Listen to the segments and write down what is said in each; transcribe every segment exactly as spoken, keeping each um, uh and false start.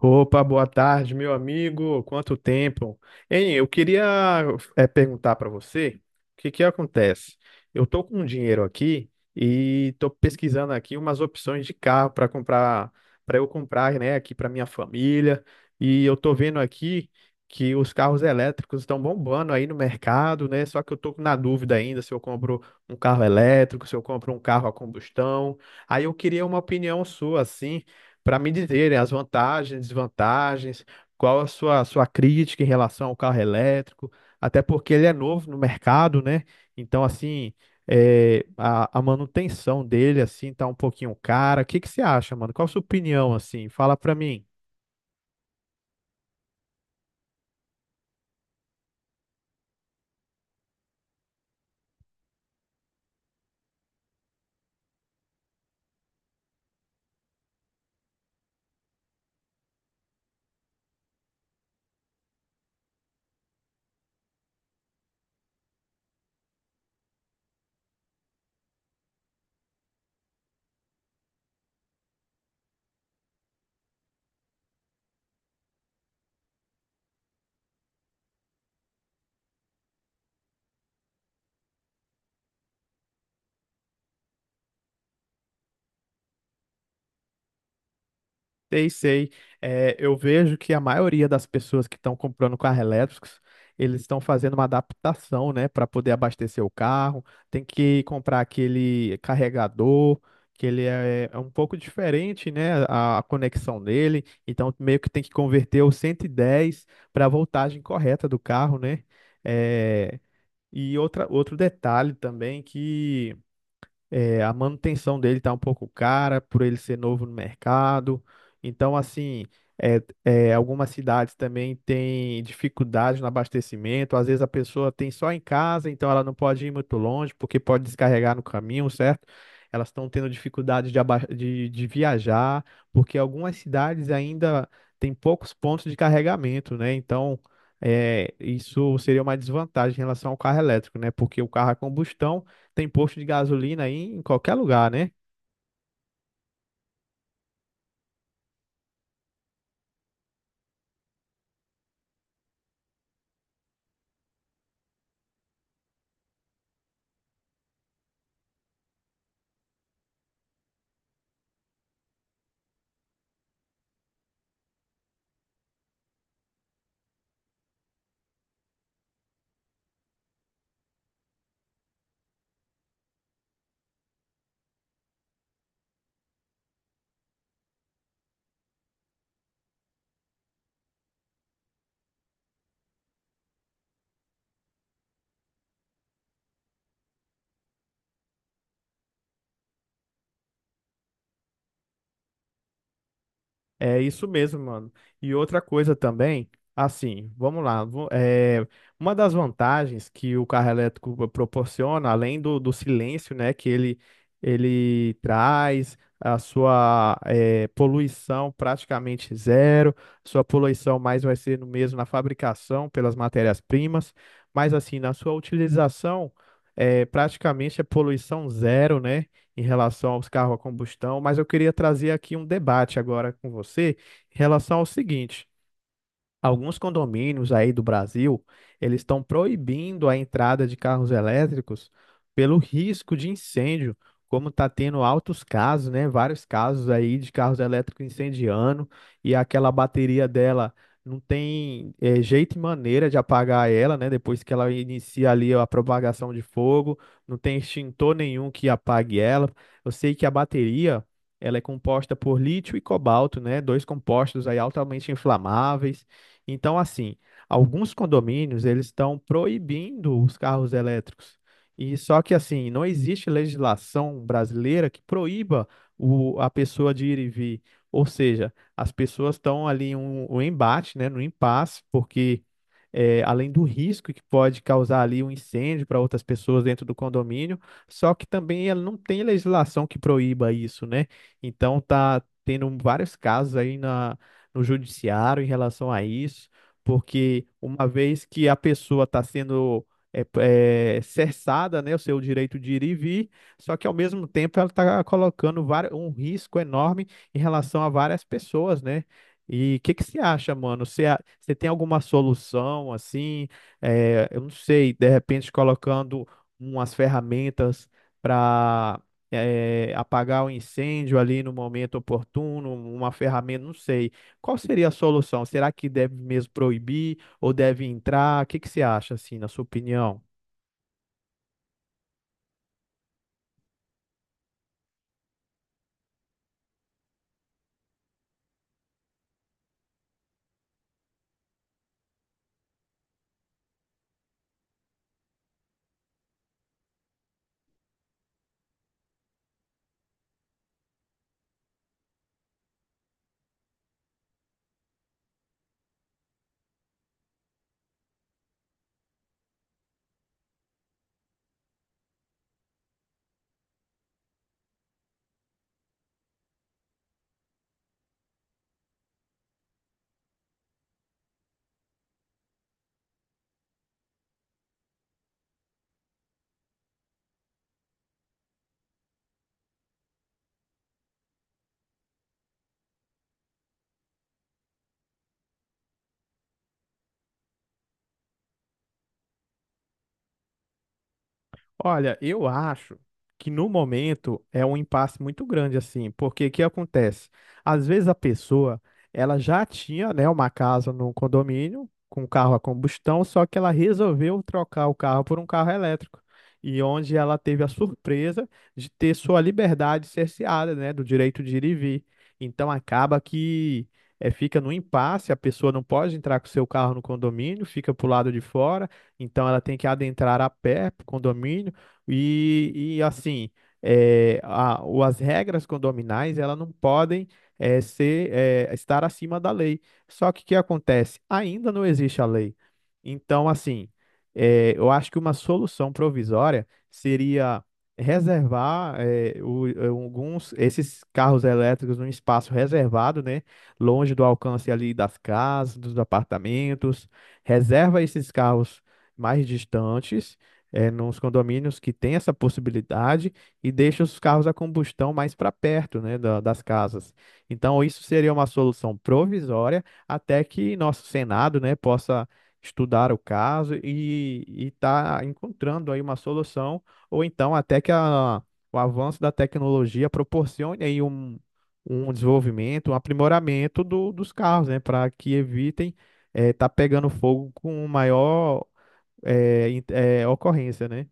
Opa, boa tarde, meu amigo. Quanto tempo? Hein, eu queria é, perguntar para você o que que acontece. Eu tô com um dinheiro aqui e tô pesquisando aqui umas opções de carro para comprar, para eu comprar, né, aqui para minha família. E eu tô vendo aqui que os carros elétricos estão bombando aí no mercado, né? Só que eu tô na dúvida ainda se eu compro um carro elétrico, se eu compro um carro a combustão. Aí eu queria uma opinião sua, assim, para me dizerem as vantagens, desvantagens, qual a sua, sua crítica em relação ao carro elétrico, até porque ele é novo no mercado, né? Então, assim, é, a, a manutenção dele, assim, tá um pouquinho cara. O que que você acha, mano? Qual a sua opinião, assim? Fala para mim. Sei, sei. É, eu vejo que a maioria das pessoas que estão comprando carro elétricos, eles estão fazendo uma adaptação, né, para poder abastecer o carro. Tem que comprar aquele carregador, que ele é, é um pouco diferente, né, a, a conexão dele. Então, meio que tem que converter o cento e dez para a voltagem correta do carro, né? É, e outra, outro detalhe também que é, a manutenção dele tá um pouco cara por ele ser novo no mercado. Então, assim, é, é, algumas cidades também têm dificuldades no abastecimento. Às vezes a pessoa tem só em casa, então ela não pode ir muito longe porque pode descarregar no caminho, certo? Elas estão tendo dificuldades de, aba- de, de viajar, porque algumas cidades ainda têm poucos pontos de carregamento, né? Então, é, isso seria uma desvantagem em relação ao carro elétrico, né? Porque o carro a combustão tem posto de gasolina aí em qualquer lugar, né? É isso mesmo, mano. E outra coisa também, assim, vamos lá. Vo- É, uma das vantagens que o carro elétrico proporciona, além do, do silêncio, né, que ele, ele traz, a sua é, poluição praticamente zero, sua poluição mais vai ser no mesmo na fabricação pelas matérias-primas, mas assim, na sua utilização, é, praticamente é poluição zero, né? Em relação aos carros a combustão, mas eu queria trazer aqui um debate agora com você em relação ao seguinte. Alguns condomínios aí do Brasil, eles estão proibindo a entrada de carros elétricos pelo risco de incêndio, como está tendo altos casos, né? Vários casos aí de carros elétricos incendiando e aquela bateria dela não tem eh, jeito e maneira de apagar ela, né? Depois que ela inicia ali a propagação de fogo, não tem extintor nenhum que apague ela. Eu sei que a bateria, ela é composta por lítio e cobalto, né? Dois compostos aí altamente inflamáveis, então, assim, alguns condomínios eles estão proibindo os carros elétricos. E só que assim, não existe legislação brasileira que proíba o, a pessoa de ir e vir. Ou seja, as pessoas estão ali um, um embate, né, no impasse, porque eh, além do risco que pode causar ali um incêndio para outras pessoas dentro do condomínio, só que também ela não tem legislação que proíba isso, né? Então tá tendo vários casos aí na no judiciário em relação a isso, porque uma vez que a pessoa está sendo é, é, cerçada, né, o seu direito de ir e vir, só que ao mesmo tempo ela está colocando vari- um risco enorme em relação a várias pessoas, né? E o que que você acha, mano? Você, a- você tem alguma solução assim? É, eu não sei, de repente colocando umas ferramentas para apagar o incêndio ali no momento oportuno, uma ferramenta, não sei. Qual seria a solução? Será que deve mesmo proibir ou deve entrar? O que que você acha, assim, na sua opinião? Olha, eu acho que no momento é um impasse muito grande assim, porque o que acontece? Às vezes a pessoa, ela já tinha, né, uma casa num condomínio com carro a combustão, só que ela resolveu trocar o carro por um carro elétrico. E onde ela teve a surpresa de ter sua liberdade cerceada, né, do direito de ir e vir. Então acaba que é, fica no impasse, a pessoa não pode entrar com seu carro no condomínio, fica pro lado de fora. Então ela tem que adentrar a pé para o condomínio, e, e assim, é, a, o- as regras condominais, elas não podem é, ser, é, estar acima da lei. Só que o que acontece? Ainda não existe a lei. Então, assim, é, eu acho que uma solução provisória seria reservar é, o- eh, alguns esses carros elétricos num espaço reservado, né, longe do alcance ali das casas, dos apartamentos, reserva esses carros mais distantes é, nos condomínios que tem essa possibilidade e deixa os carros a combustão mais para perto, né, da- das casas. Então, isso seria uma solução provisória até que nosso Senado, né, possa estudar o caso e estar encontrando aí uma solução, ou então até que a- o avanço da tecnologia proporcione aí um, um desenvolvimento, um aprimoramento do- dos carros, né, para que evitem estar pegando fogo com maior é, in- é, ocorrência, né?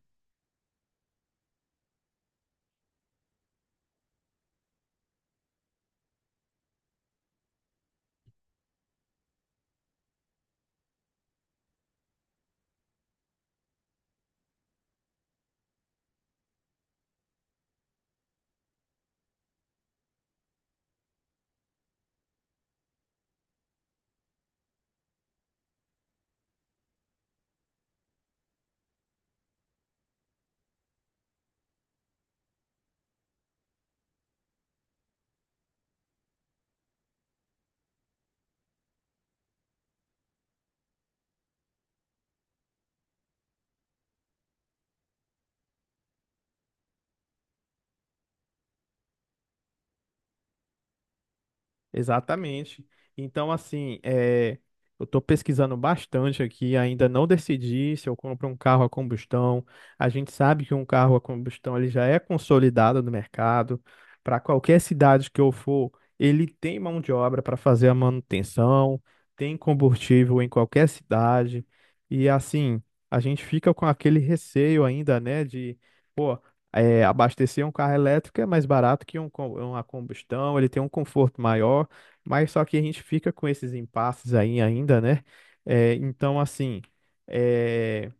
Exatamente. Então, assim, é, eu estou pesquisando bastante aqui, ainda não decidi se eu compro um carro a combustão. A gente sabe que um carro a combustão ele já é consolidado no mercado. Para qualquer cidade que eu for, ele tem mão de obra para fazer a manutenção, tem combustível em qualquer cidade. E assim, a gente fica com aquele receio ainda, né, de, pô, é, abastecer um carro elétrico é mais barato que um, co- uma combustão, ele tem um conforto maior. Mas só que a gente fica com esses impasses aí ainda, né? É, então, assim. é,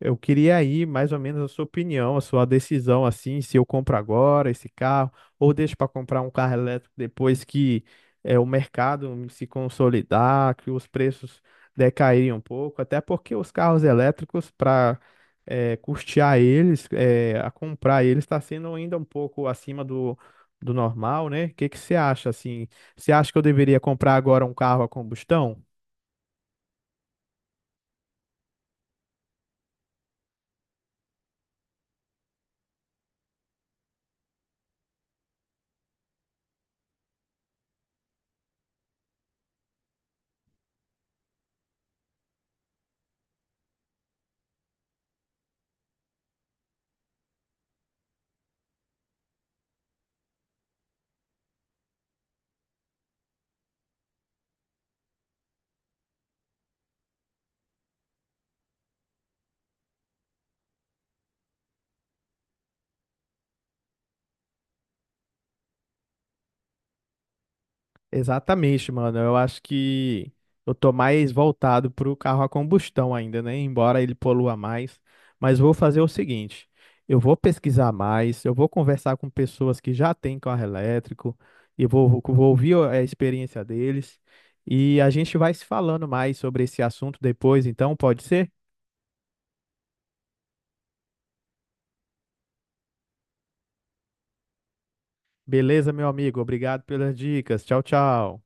eu queria aí mais ou menos a sua opinião, a sua decisão assim, se eu compro agora esse carro ou deixo para comprar um carro elétrico depois que é, o mercado se consolidar, que os preços decaírem um pouco, até porque os carros elétricos para custear eles, é, a comprar eles está sendo ainda um pouco acima do, do normal, né? O que que você acha assim? Você acha que eu deveria comprar agora um carro a combustão? Exatamente, mano. Eu acho que eu tô mais voltado pro carro a combustão ainda, né? Embora ele polua mais. Mas vou fazer o seguinte: eu vou pesquisar mais, eu vou conversar com pessoas que já têm carro elétrico e vou, vou vou ouvir a experiência deles. E a gente vai se falando mais sobre esse assunto depois, então pode ser? Beleza, meu amigo. Obrigado pelas dicas. Tchau, tchau.